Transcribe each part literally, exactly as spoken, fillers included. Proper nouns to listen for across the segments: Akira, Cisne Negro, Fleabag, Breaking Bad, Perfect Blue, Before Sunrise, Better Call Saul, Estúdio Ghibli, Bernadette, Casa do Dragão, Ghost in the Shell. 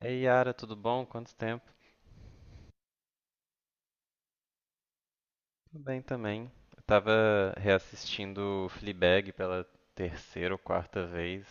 Ei, Yara, tudo bom? Quanto tempo? Tudo bem também. Eu tava reassistindo Fleabag pela terceira ou quarta vez,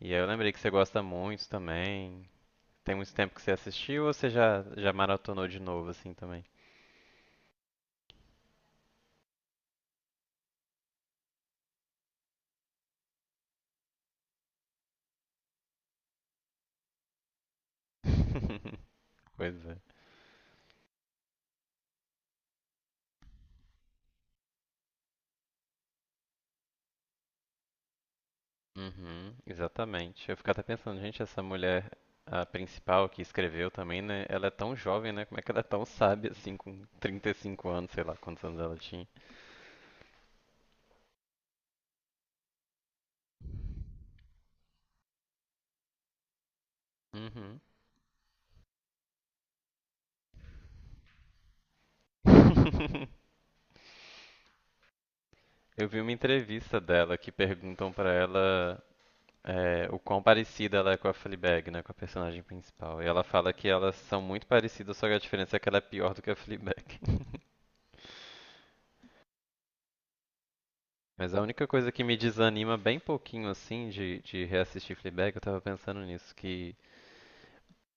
e aí eu lembrei que você gosta muito também. Tem muito tempo que você assistiu ou você já, já maratonou de novo assim também? Pois é. Uhum, exatamente. Eu fico até pensando, gente, essa mulher, a principal que escreveu também, né? Ela é tão jovem, né? Como é que ela é tão sábia assim, com trinta e cinco anos, sei lá quantos anos ela tinha. Uhum. Eu vi uma entrevista dela que perguntam pra ela é, o quão parecida ela é com a Fleabag, né, com a personagem principal. E ela fala que elas são muito parecidas, só que a diferença é que ela é pior do que a Fleabag. Mas a única coisa que me desanima bem pouquinho assim de, de reassistir Fleabag, eu tava pensando nisso, que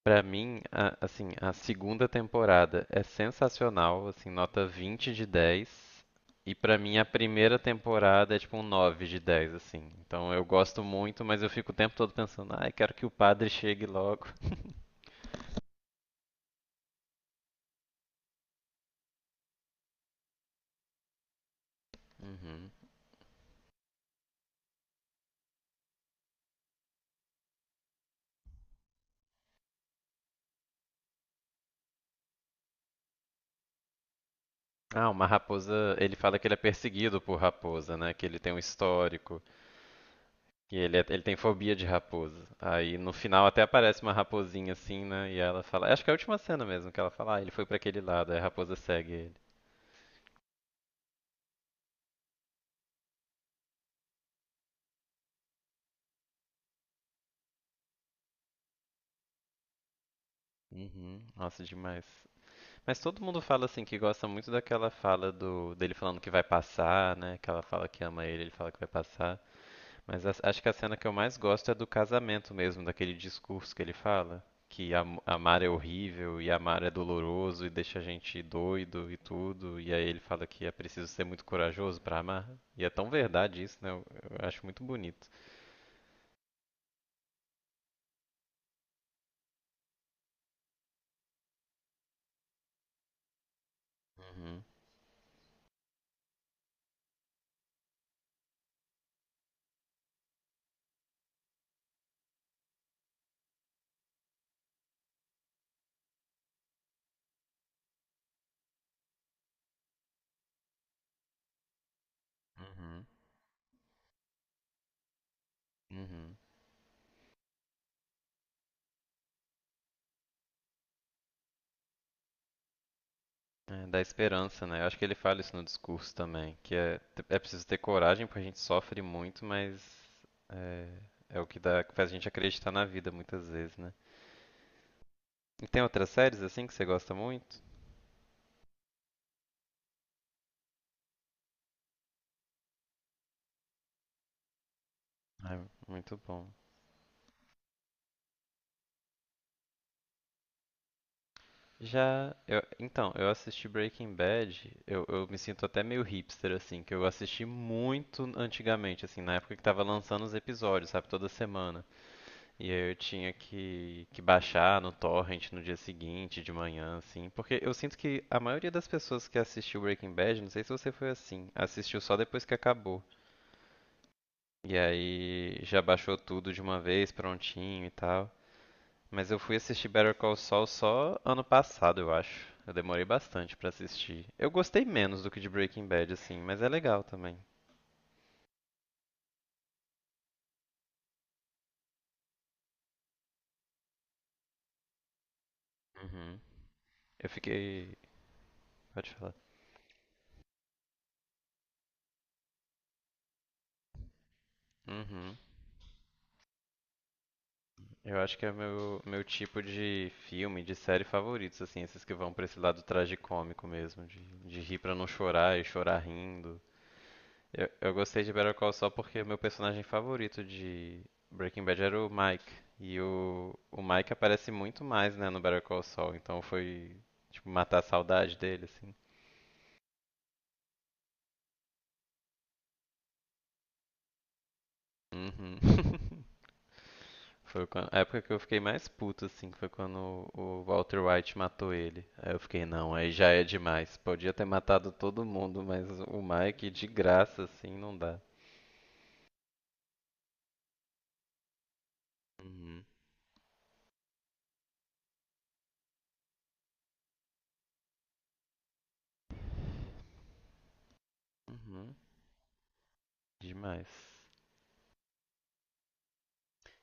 pra mim, a- assim, a segunda temporada é sensacional, assim, nota vinte de dez. E pra mim a primeira temporada é tipo um nove de dez assim. Então eu gosto muito, mas eu fico o tempo todo pensando, ai, quero que o padre chegue logo. Uhum. Ah, uma raposa. Ele fala que ele é perseguido por raposa, né? Que ele tem um histórico. Que ele, é- ele tem fobia de raposa. Aí no final até aparece uma raposinha assim, né? E ela fala. Acho que é a última cena mesmo, que ela fala, ah, ele foi pra aquele lado, aí a raposa segue ele. Uhum. Nossa, demais. Mas todo mundo fala assim que gosta muito daquela fala do dele falando que vai passar, né? Aquela fala que ama ele, ele fala que vai passar. Mas as- acho que a cena que eu mais gosto é do casamento mesmo, daquele discurso que ele fala, que am- amar é horrível e amar é doloroso e deixa a gente doido e tudo. E aí ele fala que é preciso ser muito corajoso pra amar. E é tão verdade isso, né? Eu, eu acho muito bonito. Uhum, uhum, uhum. É, dá esperança, né? Eu acho que ele fala isso no discurso também, que é, é preciso ter coragem, porque a gente sofre muito, mas é, é o que dá, que faz a gente acreditar na vida muitas vezes, né? E tem outras séries assim que você gosta muito? Ai, muito bom. Já, eu- então, eu assisti Breaking Bad, eu, eu me sinto até meio hipster, assim, que eu assisti muito antigamente, assim, na época que tava lançando os episódios, sabe, toda semana. E aí eu tinha que, que baixar no torrent no dia seguinte, de manhã, assim. Porque eu sinto que a maioria das pessoas que assistiu Breaking Bad, não sei se você foi assim, assistiu só depois que acabou. E aí já baixou tudo de uma vez, prontinho e tal. Mas eu fui assistir Better Call Saul só ano passado, eu acho. Eu demorei bastante pra assistir. Eu gostei menos do que de Breaking Bad, assim, mas é legal também. Uhum. Eu fiquei. Pode falar. Uhum. Eu acho que é o meu, meu tipo de filme, de série favoritos, assim, esses que vão pra esse lado tragicômico mesmo, de, de rir pra não chorar e chorar rindo. Eu, eu gostei de Better Call Saul porque meu personagem favorito de Breaking Bad era o Mike. E o, o Mike aparece muito mais, né, no Better Call Saul, então foi, tipo, matar a saudade dele, assim. Uhum. Foi quan- a época que eu fiquei mais puto, assim, que foi quando o o Walter White matou ele. Aí eu fiquei, não, aí já é demais. Podia ter matado todo mundo, mas o Mike, de graça, assim, não dá. Uhum. Uhum. Demais.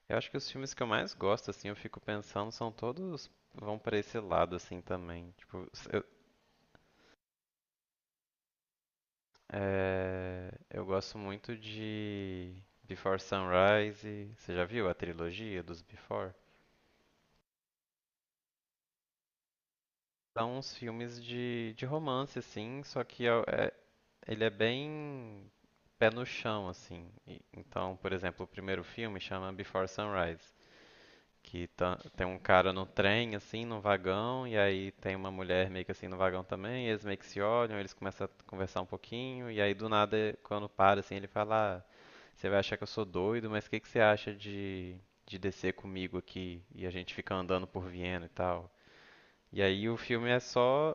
Eu acho que os filmes que eu mais gosto, assim, eu fico pensando, são todos vão pra esse lado, assim, também. Tipo, s- eu, é, eu gosto muito de Before Sunrise. Você já viu a trilogia dos Before? Dá uns filmes de, de romance, assim, só que é- é- ele é bem pé no chão, assim. E- então, por exemplo, o primeiro filme chama Before Sunrise, que tá- tem um cara no trem, assim, num vagão, e aí tem uma mulher meio que assim no vagão também, e eles meio que se olham, eles começam a conversar um pouquinho, e aí do nada, quando para, assim, ele fala, ah, você vai achar que eu sou doido, mas o que que você acha de, de descer comigo aqui e a gente fica andando por Viena e tal? E aí o filme é só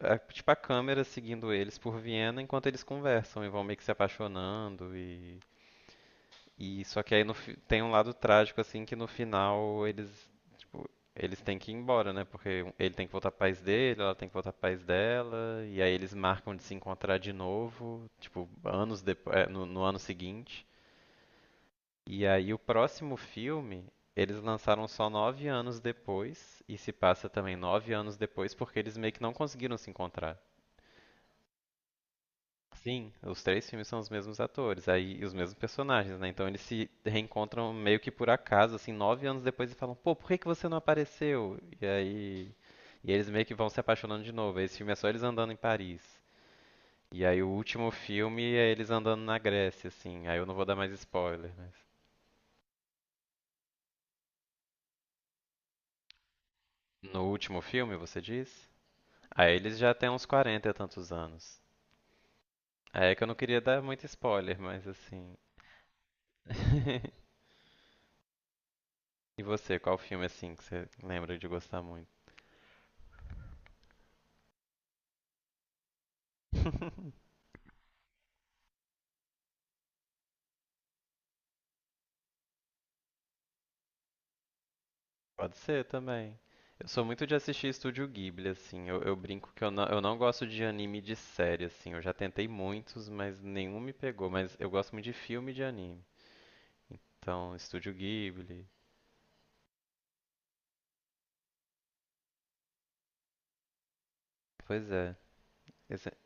a- tipo a câmera seguindo eles por Viena enquanto eles conversam e vão meio que se apaixonando e e só que aí no fi- tem um lado trágico assim que no final eles tipo, eles têm que ir embora, né? Porque um- ele tem que voltar pro país dele, ela tem que voltar pro país dela e aí eles marcam de se encontrar de novo, tipo anos depois, no, no ano seguinte. E aí o próximo filme eles lançaram só nove anos depois e se passa também nove anos depois porque eles meio que não conseguiram se encontrar. Sim, os três filmes são os mesmos atores, aí e os mesmos personagens, né? Então eles se reencontram meio que por acaso, assim, nove anos depois e falam, pô, por que que você não apareceu? E aí, e eles meio que vão se apaixonando de novo. Esse filme é só eles andando em Paris. E aí o último filme é eles andando na Grécia, assim. Aí eu não vou dar mais spoiler, mas no último filme, você diz? Aí eles já têm uns quarenta e tantos anos. aí é que eu não queria dar muito spoiler, mas assim. E você, qual filme assim que você lembra de gostar muito? Pode ser também. Eu sou muito de assistir Estúdio Ghibli, assim. Eu, eu brinco que eu não, eu não gosto de anime de série, assim. Eu já tentei muitos, mas nenhum me pegou. Mas eu gosto muito de filme e de anime. Então, Estúdio Ghibli. Pois é. Esse- é-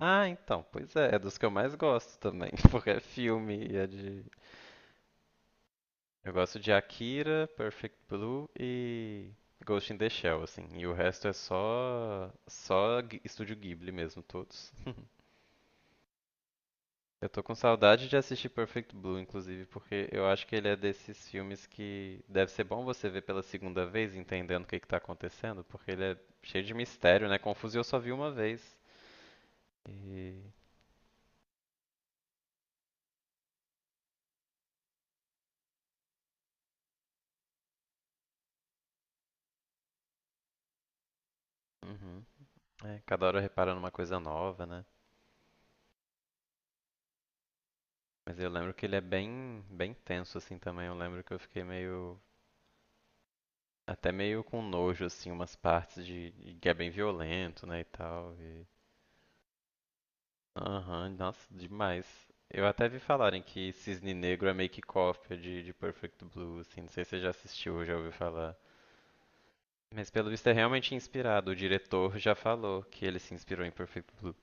Ah, então, pois é. É dos que eu mais gosto também. Porque é filme e é de. Eu gosto de Akira, Perfect Blue e Ghost in the Shell, assim. E o resto é só. Só Ghi- Estúdio Ghibli mesmo, todos. Eu tô com saudade de assistir Perfect Blue, inclusive, porque eu acho que ele é desses filmes que deve ser bom você ver pela segunda vez, entendendo o que que tá acontecendo, porque ele é cheio de mistério, né? Confuso e eu só vi uma vez. E. Uhum. É, cada hora reparando uma coisa nova, né? Mas eu lembro que ele é bem, bem tenso, assim, também. Eu lembro que eu fiquei meio. Até meio com nojo, assim, umas partes de, que é bem violento, né, e tal. Aham, nossa, demais. Eu até vi falarem que Cisne Negro é meio que cópia de, de Perfect Blue, assim, não sei se você já assistiu ou já ouviu falar. Mas pelo visto é realmente inspirado, o diretor já falou que ele se inspirou em Perfect Blue.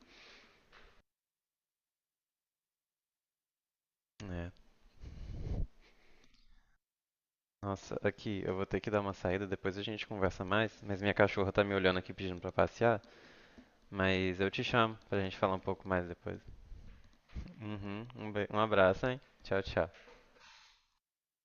É. Nossa, aqui, eu vou ter que dar uma saída, depois a gente conversa mais, mas minha cachorra tá me olhando aqui pedindo pra passear, mas eu te chamo pra gente falar um pouco mais depois. Uhum, um, be- um abraço, hein? Tchau, tchau.